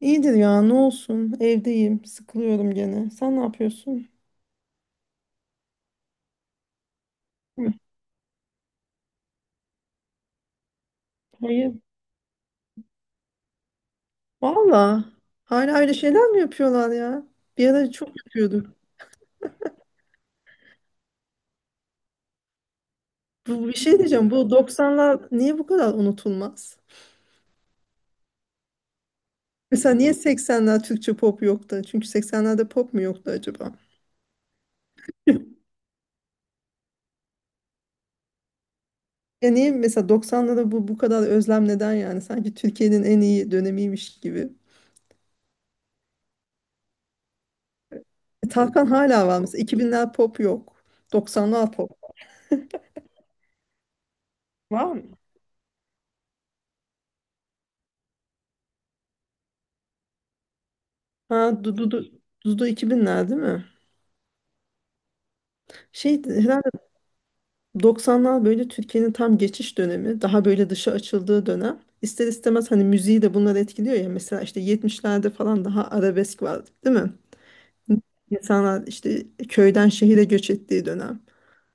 İyidir ya, ne olsun, evdeyim sıkılıyorum gene. Sen ne yapıyorsun? Hı. Hayır. Valla hala öyle şeyler mi yapıyorlar ya? Bir ara çok yapıyorduk. Bu bir şey diyeceğim, bu 90'lar niye bu kadar unutulmaz? Mesela niye 80'ler Türkçe pop yoktu? Çünkü 80'lerde pop mu yoktu acaba? Ya niye mesela 90'larda bu kadar özlem, neden yani? Sanki Türkiye'nin en iyi dönemiymiş gibi. Tarkan hala var mesela, 2000'ler pop yok. 90'lar pop var mı? Ha, Dudu, Dudu, Dudu 2000'ler değil mi? Şey herhalde. 90'lar böyle Türkiye'nin tam geçiş dönemi, daha böyle dışa açıldığı dönem. İster istemez hani müziği de bunlar etkiliyor ya. Mesela işte 70'lerde falan daha arabesk vardı, değil mi? İnsanlar işte köyden şehire göç ettiği dönem.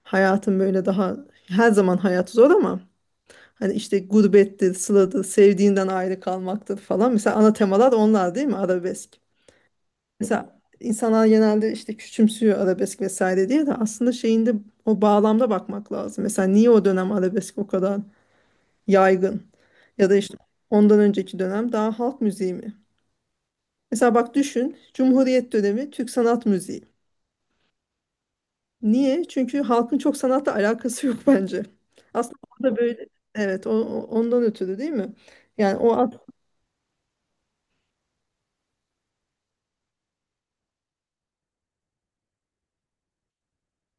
Hayatın böyle daha, her zaman hayat zor ama hani işte gurbettir, sıladır, sevdiğinden ayrı kalmaktır falan. Mesela ana temalar onlar değil mi? Arabesk. Mesela insanlar genelde işte küçümsüyor arabesk vesaire diye de aslında şeyinde, o bağlamda bakmak lazım. Mesela niye o dönem arabesk o kadar yaygın? Ya da işte ondan önceki dönem daha halk müziği mi? Mesela bak, düşün, Cumhuriyet dönemi Türk sanat müziği. Niye? Çünkü halkın çok sanatla alakası yok bence. Aslında orada böyle, evet, ondan ötürü değil mi? Yani o at-,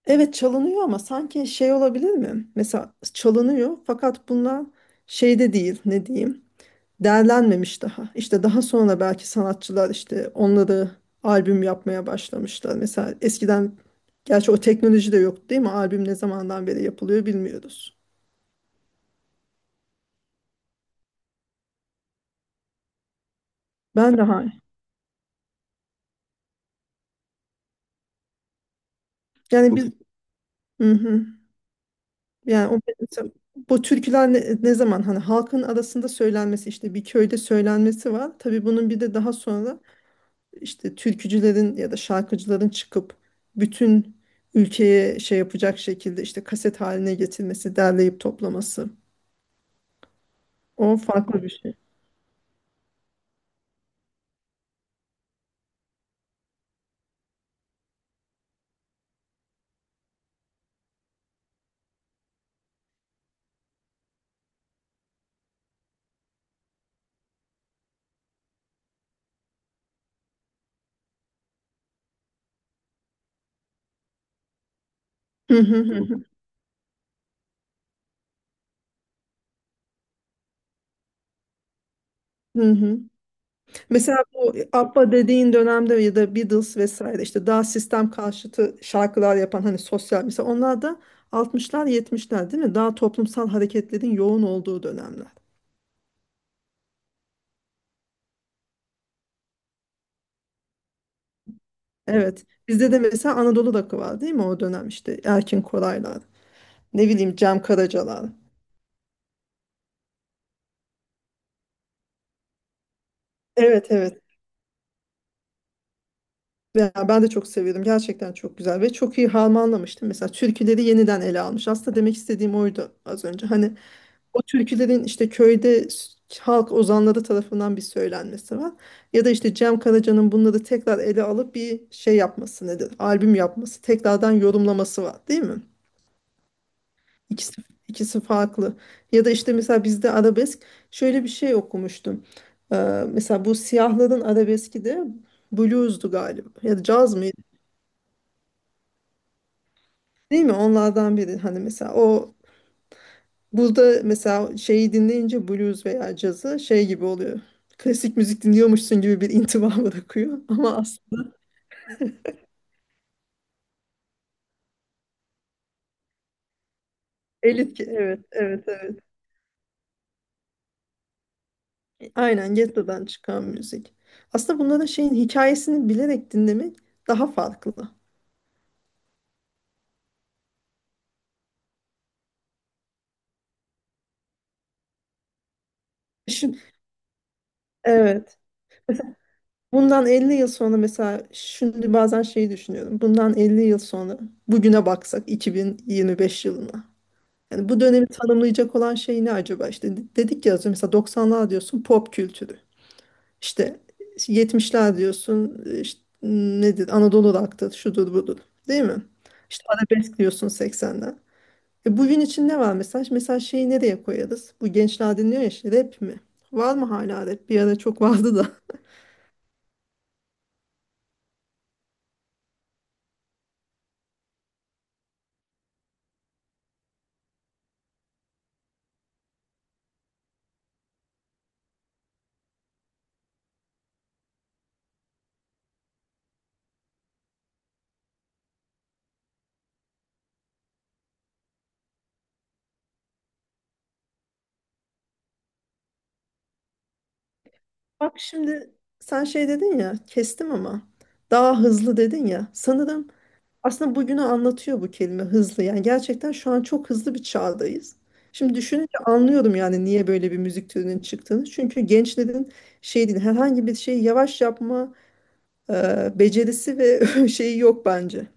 evet çalınıyor ama sanki şey olabilir mi? Mesela çalınıyor fakat bunlar şeyde değil, ne diyeyim? Değerlenmemiş daha. İşte daha sonra belki sanatçılar işte onları albüm yapmaya başlamışlar. Mesela eskiden, gerçi o teknoloji de yoktu değil mi? Albüm ne zamandan beri yapılıyor bilmiyoruz. Ben de hayır. Yani biz bugün, hı hı. Yani o mesela bu türküler, ne zaman hani halkın arasında söylenmesi, işte bir köyde söylenmesi var. Tabii bunun bir de daha sonra işte türkücülerin ya da şarkıcıların çıkıp bütün ülkeye şey yapacak şekilde işte kaset haline getirmesi, derleyip toplaması. O farklı bir şey. Hı hı, hı hı. Hı hı. Mesela bu ABBA dediğin dönemde ya da Beatles vesaire işte daha sistem karşıtı şarkılar yapan hani sosyal, mesela onlar da 60'lar, 70'lar değil mi? Daha toplumsal hareketlerin yoğun olduğu dönemler. Evet. Bizde de mesela Anadolu Rock'ı var değil mi, o dönem işte Erkin Koraylar, ne bileyim, Cem Karacalar. Evet, evet. Ya ben de çok seviyordum. Gerçekten çok güzel ve çok iyi harmanlamıştım. Mesela türküleri yeniden ele almış. Aslında demek istediğim oydu az önce. Hani, o türkülerin işte köyde halk ozanları tarafından bir söylenmesi var. Ya da işte Cem Karaca'nın bunları tekrar ele alıp bir şey yapması nedir? Albüm yapması, tekrardan yorumlaması var, değil mi? İkisi, ikisi farklı. Ya da işte mesela bizde arabesk, şöyle bir şey okumuştum. Ee, mesela bu siyahların arabeski de blues'du galiba. Ya da caz mıydı? Değil mi? Onlardan biri. Hani mesela o, burada mesela şeyi dinleyince blues veya cazı şey gibi oluyor. Klasik müzik dinliyormuşsun gibi bir intiba bırakıyor. Ama aslında elit ki, evet, evet, evet. Aynen, ghetto'dan çıkan müzik. Aslında bunların şeyin hikayesini bilerek dinlemek daha farklı. Düşün, evet. Bundan 50 yıl sonra, mesela şimdi bazen şeyi düşünüyorum. Bundan 50 yıl sonra bugüne baksak, 2025 yılına. Yani bu dönemi tanımlayacak olan şey ne acaba? İşte dedik ya az önce, mesela 90'lar diyorsun pop kültürü. İşte, işte 70'lar diyorsun, işte nedir, Anadolu rock'tır, şudur budur, değil mi? İşte arabesk diyorsun 80'den. E, bugün için ne var mesaj? Mesela şeyi nereye koyarız? Bu gençler dinliyor ya işte, rap mi? Var mı hala rap? Bir ara çok vardı da. Bak şimdi, sen şey dedin ya, kestim ama daha hızlı dedin ya. Sanırım, aslında bugünü anlatıyor bu kelime, hızlı. Yani gerçekten şu an çok hızlı bir çağdayız. Şimdi düşününce anlıyorum yani niye böyle bir müzik türünün çıktığını. Çünkü gençlerin şey değil, herhangi bir şeyi yavaş yapma becerisi ve şeyi yok bence.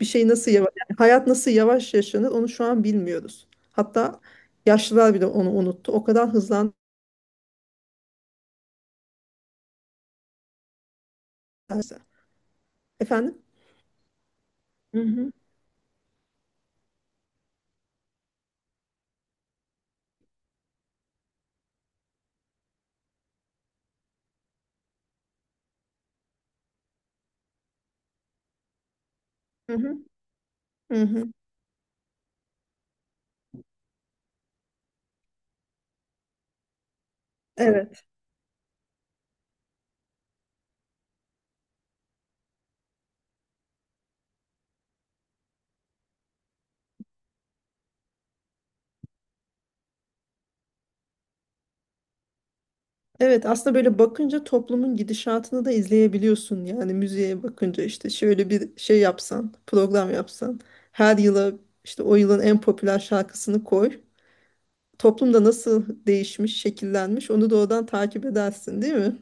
Bir şey nasıl yavaş, yani hayat nasıl yavaş yaşanır onu şu an bilmiyoruz. Hatta yaşlılar bile onu unuttu. O kadar hızlandı. Efendim? Hı hı. Hı hı. Hı hı. Evet. Evet aslında böyle bakınca toplumun gidişatını da izleyebiliyorsun. Yani müziğe bakınca işte şöyle bir şey yapsan, program yapsan, her yıla işte o yılın en popüler şarkısını koy. Toplumda nasıl değişmiş, şekillenmiş onu da oradan takip edersin değil mi?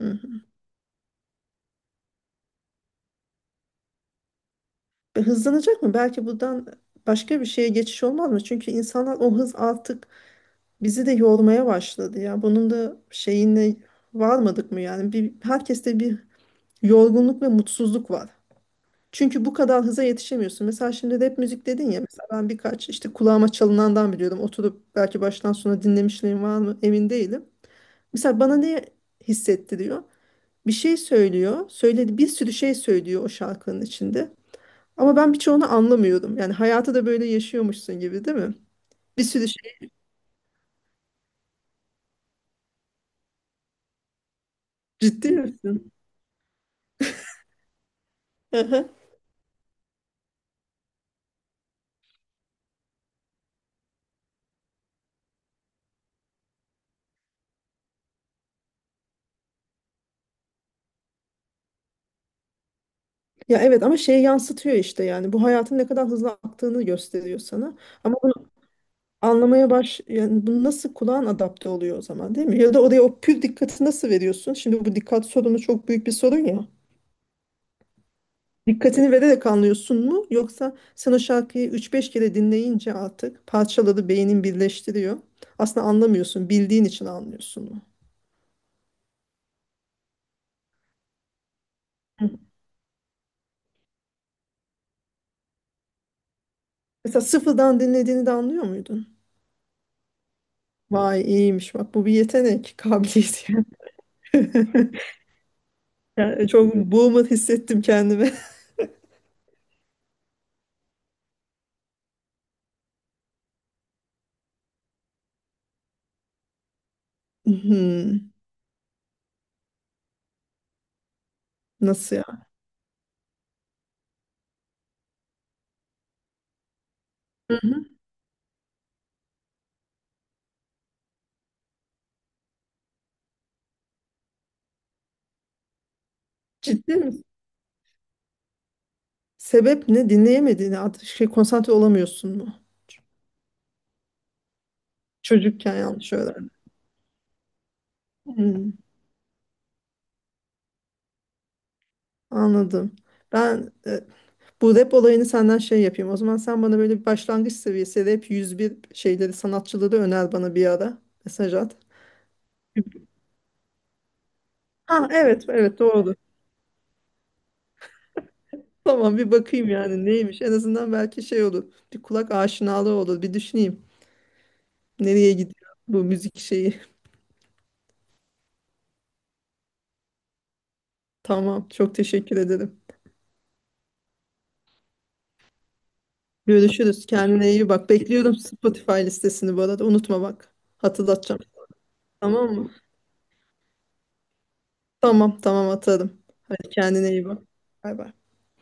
Hı. Hızlanacak mı? Belki buradan başka bir şeye geçiş olmaz mı? Çünkü insanlar o hız artık bizi de yormaya başladı ya. Bunun da şeyine varmadık mı yani? Bir, herkeste bir yorgunluk ve mutsuzluk var. Çünkü bu kadar hıza yetişemiyorsun. Mesela şimdi rap müzik dedin ya. Mesela ben birkaç işte kulağıma çalınandan biliyordum. Oturup belki baştan sona dinlemişliğim var mı, emin değilim. Mesela bana ne hissettiriyor? Bir şey söylüyor. Söyledi, bir sürü şey söylüyor o şarkının içinde. Ama ben birçoğunu anlamıyorum. Yani hayatı da böyle yaşıyormuşsun gibi, değil mi? Bir sürü şey. Ciddi misin? Aha. Ya evet ama şey yansıtıyor işte, yani bu hayatın ne kadar hızlı aktığını gösteriyor sana. Ama anlamaya baş, yani bu nasıl kulağın adapte oluyor o zaman değil mi? Ya da oraya o pür dikkati nasıl veriyorsun? Şimdi bu dikkat sorunu çok büyük bir sorun ya. Dikkatini vererek anlıyorsun mu? Yoksa sen o şarkıyı üç beş kere dinleyince artık parçaları beynin birleştiriyor. Aslında anlamıyorsun. Bildiğin için anlıyorsun mu? Hı. Mesela sıfırdan dinlediğini de anlıyor muydun? Vay, iyiymiş bak, bu bir yetenek, kabiliyet. Yani yani çok boomer hissettim kendimi. Hmm. Nasıl ya? Hı hı. Ciddi misin? Sebep ne? Dinleyemediğini artık, şey, konsantre olamıyorsun mu? Çocukken yanlış öğrendim. Hmm, anladım. Ben bu rap olayını senden şey yapayım. O zaman sen bana böyle bir başlangıç seviyesi rap 101 şeyleri, sanatçıları öner bana bir ara. Mesaj at. Ha, evet, evet, doğru. Tamam, bir bakayım yani neymiş. En azından belki şey olur. Bir kulak aşinalığı olur. Bir düşüneyim. Nereye gidiyor bu müzik şeyi? Tamam, çok teşekkür ederim. Görüşürüz. Kendine iyi bak. Bekliyorum Spotify listesini bu arada. Unutma bak. Hatırlatacağım. Tamam mı? Tamam tamam atarım. Hadi kendine iyi bak. Bay bay.